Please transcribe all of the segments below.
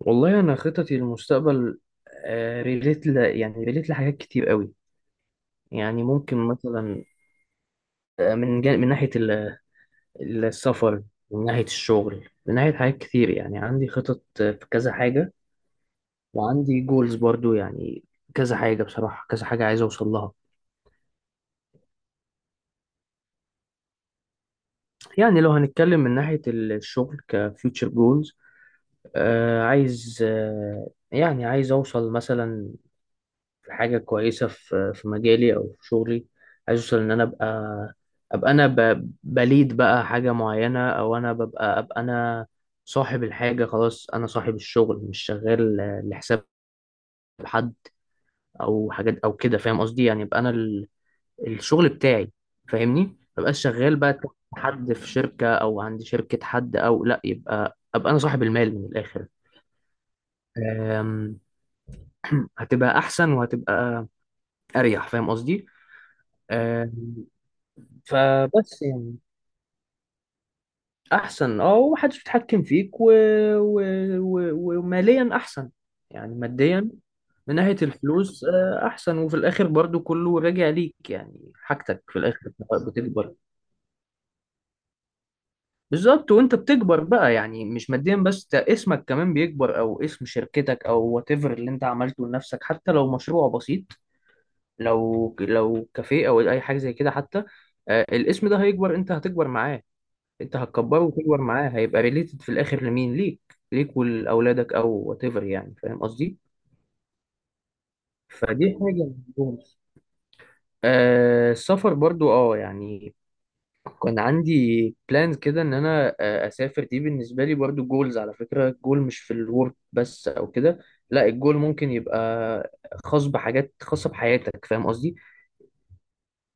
والله انا خططي للمستقبل ريليت يعني ريليت لحاجات كتير قوي. يعني ممكن مثلا من ناحيه السفر، من ناحيه الشغل، من ناحيه حاجات كتير. يعني عندي خطط في كذا حاجه، وعندي جولز برضو يعني كذا حاجه بصراحه، كذا حاجه عايز اوصل لها. يعني لو هنتكلم من ناحيه الشغل كفيوتشر جولز عايز يعني عايز اوصل مثلا في حاجة كويسة في مجالي أو في شغلي. عايز أوصل إن أنا أبقى، بليد بقى حاجة معينة، أو أنا أبقى أنا صاحب الحاجة. خلاص أنا صاحب الشغل، مش شغال لحساب حد أو حاجات أو كده، فاهم قصدي؟ يعني يبقى أنا الشغل بتاعي، فاهمني، مبقاش شغال بقى تحت حد في شركة أو عند شركة حد، أو لأ يبقى أبقى أنا صاحب المال من الآخر. أم، هتبقى أحسن وهتبقى أريح، فاهم قصدي؟ آمم، فبس يعني احسن اه، ومحدش بيتحكم فيك و... وماليا احسن، يعني ماديا، من ناحية الفلوس احسن، وفي الاخر برضو كله راجع ليك، يعني حاجتك في الاخر بتكبر. بالظبط، وانت بتكبر بقى، يعني مش ماديا بس، ده اسمك كمان بيكبر، او اسم شركتك او وات ايفر اللي انت عملته لنفسك، حتى لو مشروع بسيط، لو كافيه او اي حاجة زي كده حتى، الاسم ده هيكبر، انت هتكبر معاه. انت هتكبره وتكبر معاه، هيبقى ريليتد في الاخر لمين؟ ليك. ليك ولاولادك او وات ايفر، يعني فاهم قصدي؟ فدي حاجه ما بحبهمش. آه السفر برضو اه يعني، كان عندي بلانز كده ان انا اسافر. دي بالنسبه لي برضو جولز. على فكره الجول مش في الورك بس او كده، لا الجول ممكن يبقى خاص بحاجات خاصه بحياتك، فاهم قصدي؟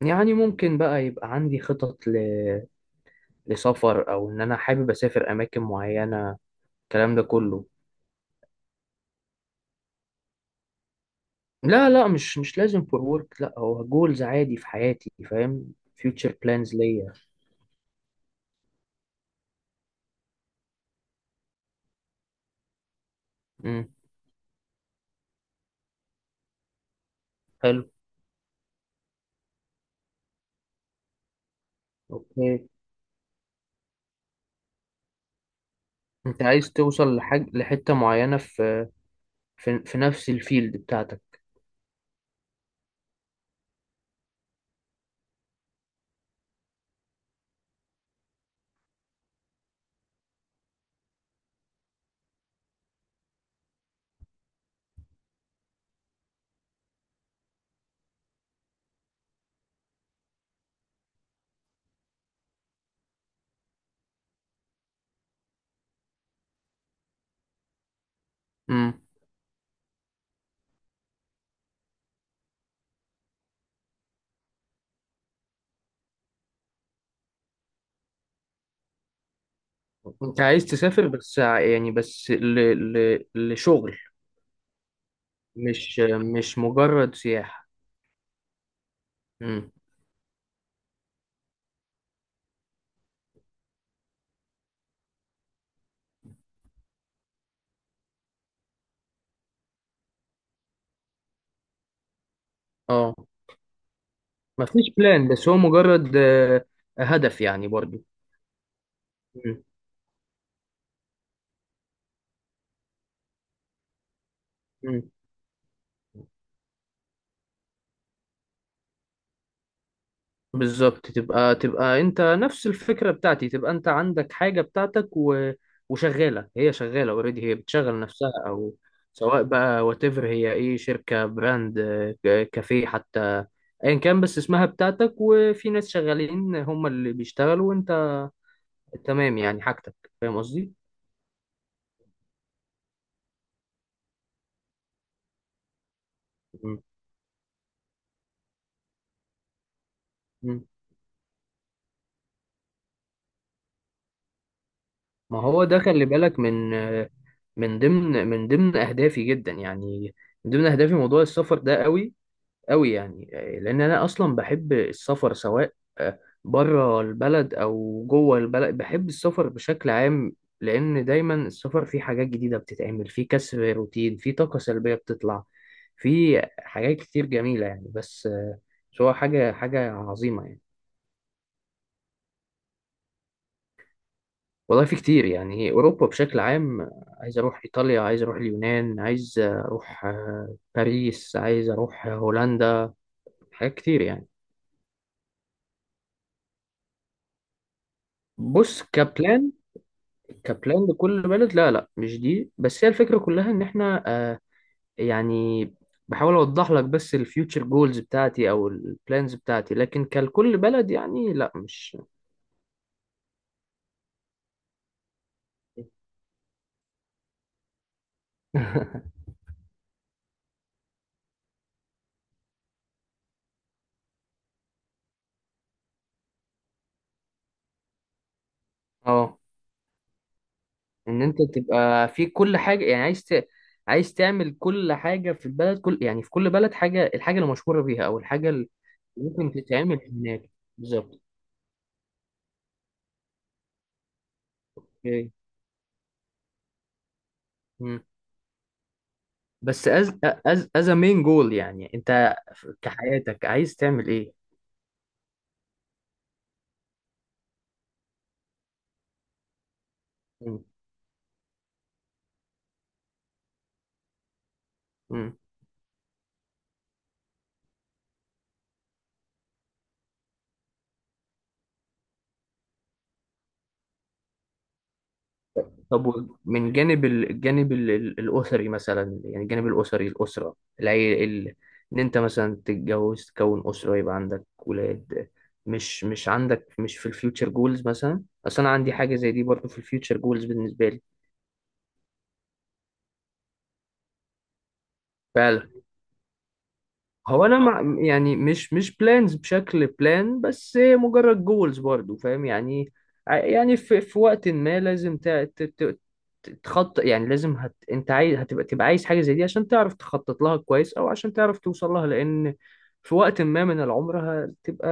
يعني ممكن بقى يبقى عندي خطط لسفر، او ان انا حابب اسافر اماكن معينه، الكلام ده كله. لا لا، مش لازم فور ورك، لا هو جولز عادي في حياتي، فاهم؟ فيوتشر بلانز ليا. امم. حلو. اوكي. انت عايز توصل لحاجة، لحتة معينة في في نفس الفيلد بتاعتك. امم. انت عايز تسافر بس يعني بس ل... لشغل، مش مش مجرد سياحة. امم. اه. مفيش بلان، بس هو مجرد هدف يعني برضو. امم. بالظبط. تبقى انت نفس الفكرة بتاعتي، تبقى انت عندك حاجة بتاعتك وشغالة، هي شغالة اوريدي، هي بتشغل نفسها، او سواء بقى واتيفر هي ايه، شركة، براند، كافيه حتى، ايا كان، بس اسمها بتاعتك وفي ناس شغالين هم اللي بيشتغلوا وانت تمام يعني، حاجتك. فاهم قصدي؟ مم. مم. ما هو ده، خلي بالك من من ضمن اهدافي جدا يعني، من ضمن اهدافي موضوع السفر ده، قوي قوي يعني، لان انا اصلا بحب السفر، سواء آه، بره البلد او جوه البلد، بحب السفر بشكل عام. لان دايما السفر فيه حاجات جديده بتتعمل، فيه كسر روتين، فيه طاقه سلبيه بتطلع، فيه حاجات كتير جميله يعني، بس بس هو حاجه، حاجه عظيمه يعني. والله في كتير يعني، اوروبا بشكل عام عايز اروح ايطاليا، عايز اروح اليونان، عايز اروح باريس، عايز اروح هولندا، حاجات كتير يعني. بص كبلان، كبلان لكل بلد لا لا، مش دي بس، هي الفكرة كلها ان احنا يعني بحاول اوضح لك، بس الفيوتشر جولز بتاعتي او البلانز بتاعتي، لكن كلكل بلد يعني لا مش اه. ان انت تبقى في كل حاجة يعني، عايز عايز تعمل كل حاجة في البلد، كل يعني في كل بلد حاجة، الحاجة اللي مشهورة بيها او الحاجة اللي ممكن تتعمل هناك. بالظبط. اوكي. مم. بس از مين جول يعني، انت كحياتك عايز تعمل ايه؟ مم. طب من جانب الجانب الأسري مثلا، يعني الجانب الأسري، الأسرة، العي... ال... إن أنت مثلا تتجوز، تكون أسرة، يبقى عندك ولاد، مش عندك مش في الفيوتشر جولز مثلا؟ أصل أنا عندي حاجة زي دي برضه في الفيوتشر جولز بالنسبة لي. فعلا. هو أنا يعني مش بلانز بشكل بلان، بس هي مجرد جولز برضه، فاهم يعني؟ يعني في وقت ما لازم تخطط يعني، لازم انت عايز هتبقى، تبقى عايز حاجة زي دي عشان تعرف تخطط لها كويس، او عشان تعرف توصل لها، لان في وقت ما من العمر هتبقى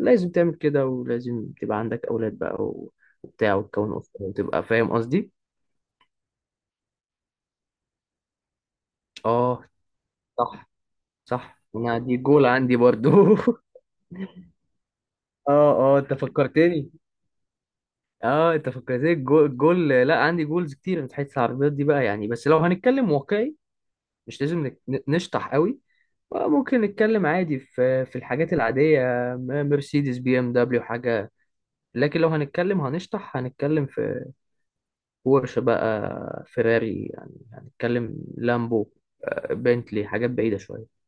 لازم تعمل كده، ولازم تبقى عندك اولاد بقى وبتاع، وتكون اسرة، وتبقى فاهم قصدي. اه. صح. صح، انا دي جول عندي برضو اه اه، انت فكرتني. اه انت فكرتني الجول، لا عندي جولز كتير في حته العربيات دي بقى يعني، بس لو هنتكلم واقعي، مش لازم نشطح قوي. ممكن نتكلم عادي في الحاجات العادية، مرسيدس، بي ام دبليو حاجة. لكن لو هنتكلم هنشطح، هنتكلم في بورش بقى، فيراري، يعني هنتكلم لامبو، بنتلي، حاجات بعيدة شوية.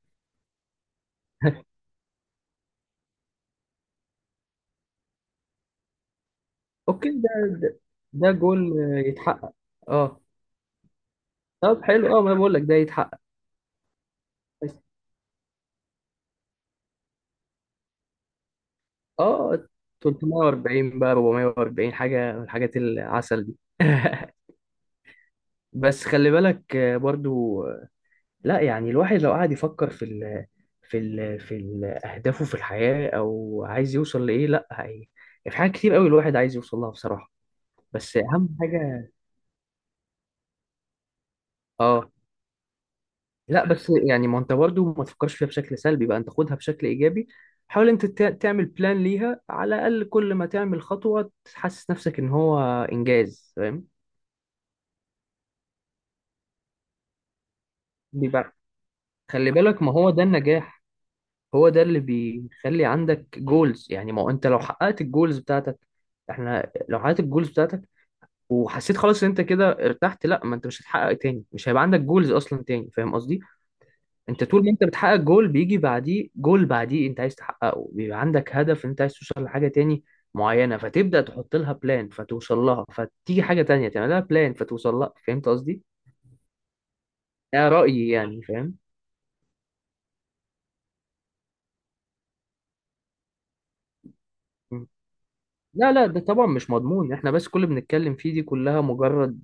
اوكي ده ده جول يتحقق. اه. طب حلو اه، ما أنا بقول لك ده يتحقق. بس اه 340 بقى 440، حاجة من الحاجات العسل دي بس خلي بالك برضو، لا يعني الواحد لو قعد يفكر في ال في ال في ال أهدافه في الحياة، أو عايز يوصل لإيه، لا هي في حاجات كتير قوي الواحد عايز يوصل لها بصراحة. بس أهم حاجة آه، لا بس يعني ما أنت برضه ما تفكرش فيها بشكل سلبي بقى، أنت خدها بشكل إيجابي، حاول أنت تعمل بلان ليها، على الأقل كل ما تعمل خطوة تحسس نفسك إن هو إنجاز، فاهم؟ دي بقى، خلي بالك، ما هو ده النجاح، هو ده اللي بيخلي عندك جولز يعني. ما هو انت لو حققت الجولز بتاعتك، احنا لو حققت الجولز بتاعتك وحسيت خلاص ان انت كده ارتحت، لا ما انت مش هتحقق تاني، مش هيبقى عندك جولز اصلا تاني، فاهم قصدي؟ انت طول ما انت بتحقق جول بيجي بعديه جول بعديه انت عايز تحققه، بيبقى عندك هدف انت عايز توصل لحاجة تاني معينة، فتبدأ تحط لها بلان فتوصل لها، فتيجي حاجة تانية تعمل لها بلان فتوصل لها، فهمت قصدي؟ ده رأيي يعني، فاهم؟ لا لا ده طبعا مش مضمون، احنا بس كل اللي بنتكلم فيه دي كلها مجرد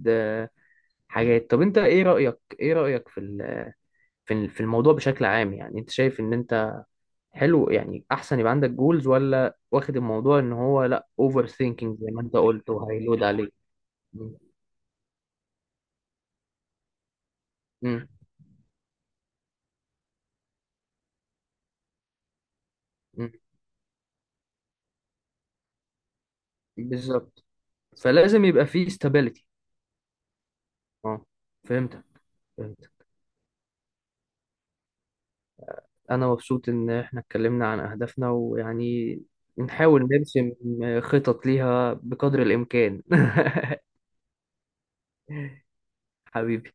حاجات. طب انت ايه رأيك، ايه رأيك في في الموضوع بشكل عام يعني، انت شايف ان انت حلو يعني احسن يبقى عندك جولز، ولا واخد الموضوع ان هو لا اوفر ثينكينج زي ما انت قلت وهيلود عليك. مم. مم. مم. بالظبط. فلازم يبقى فيه استابيليتي. اه. فهمتك. فهمتك. انا مبسوط ان احنا اتكلمنا عن اهدافنا ويعني نحاول نرسم خطط ليها بقدر الامكان حبيبي.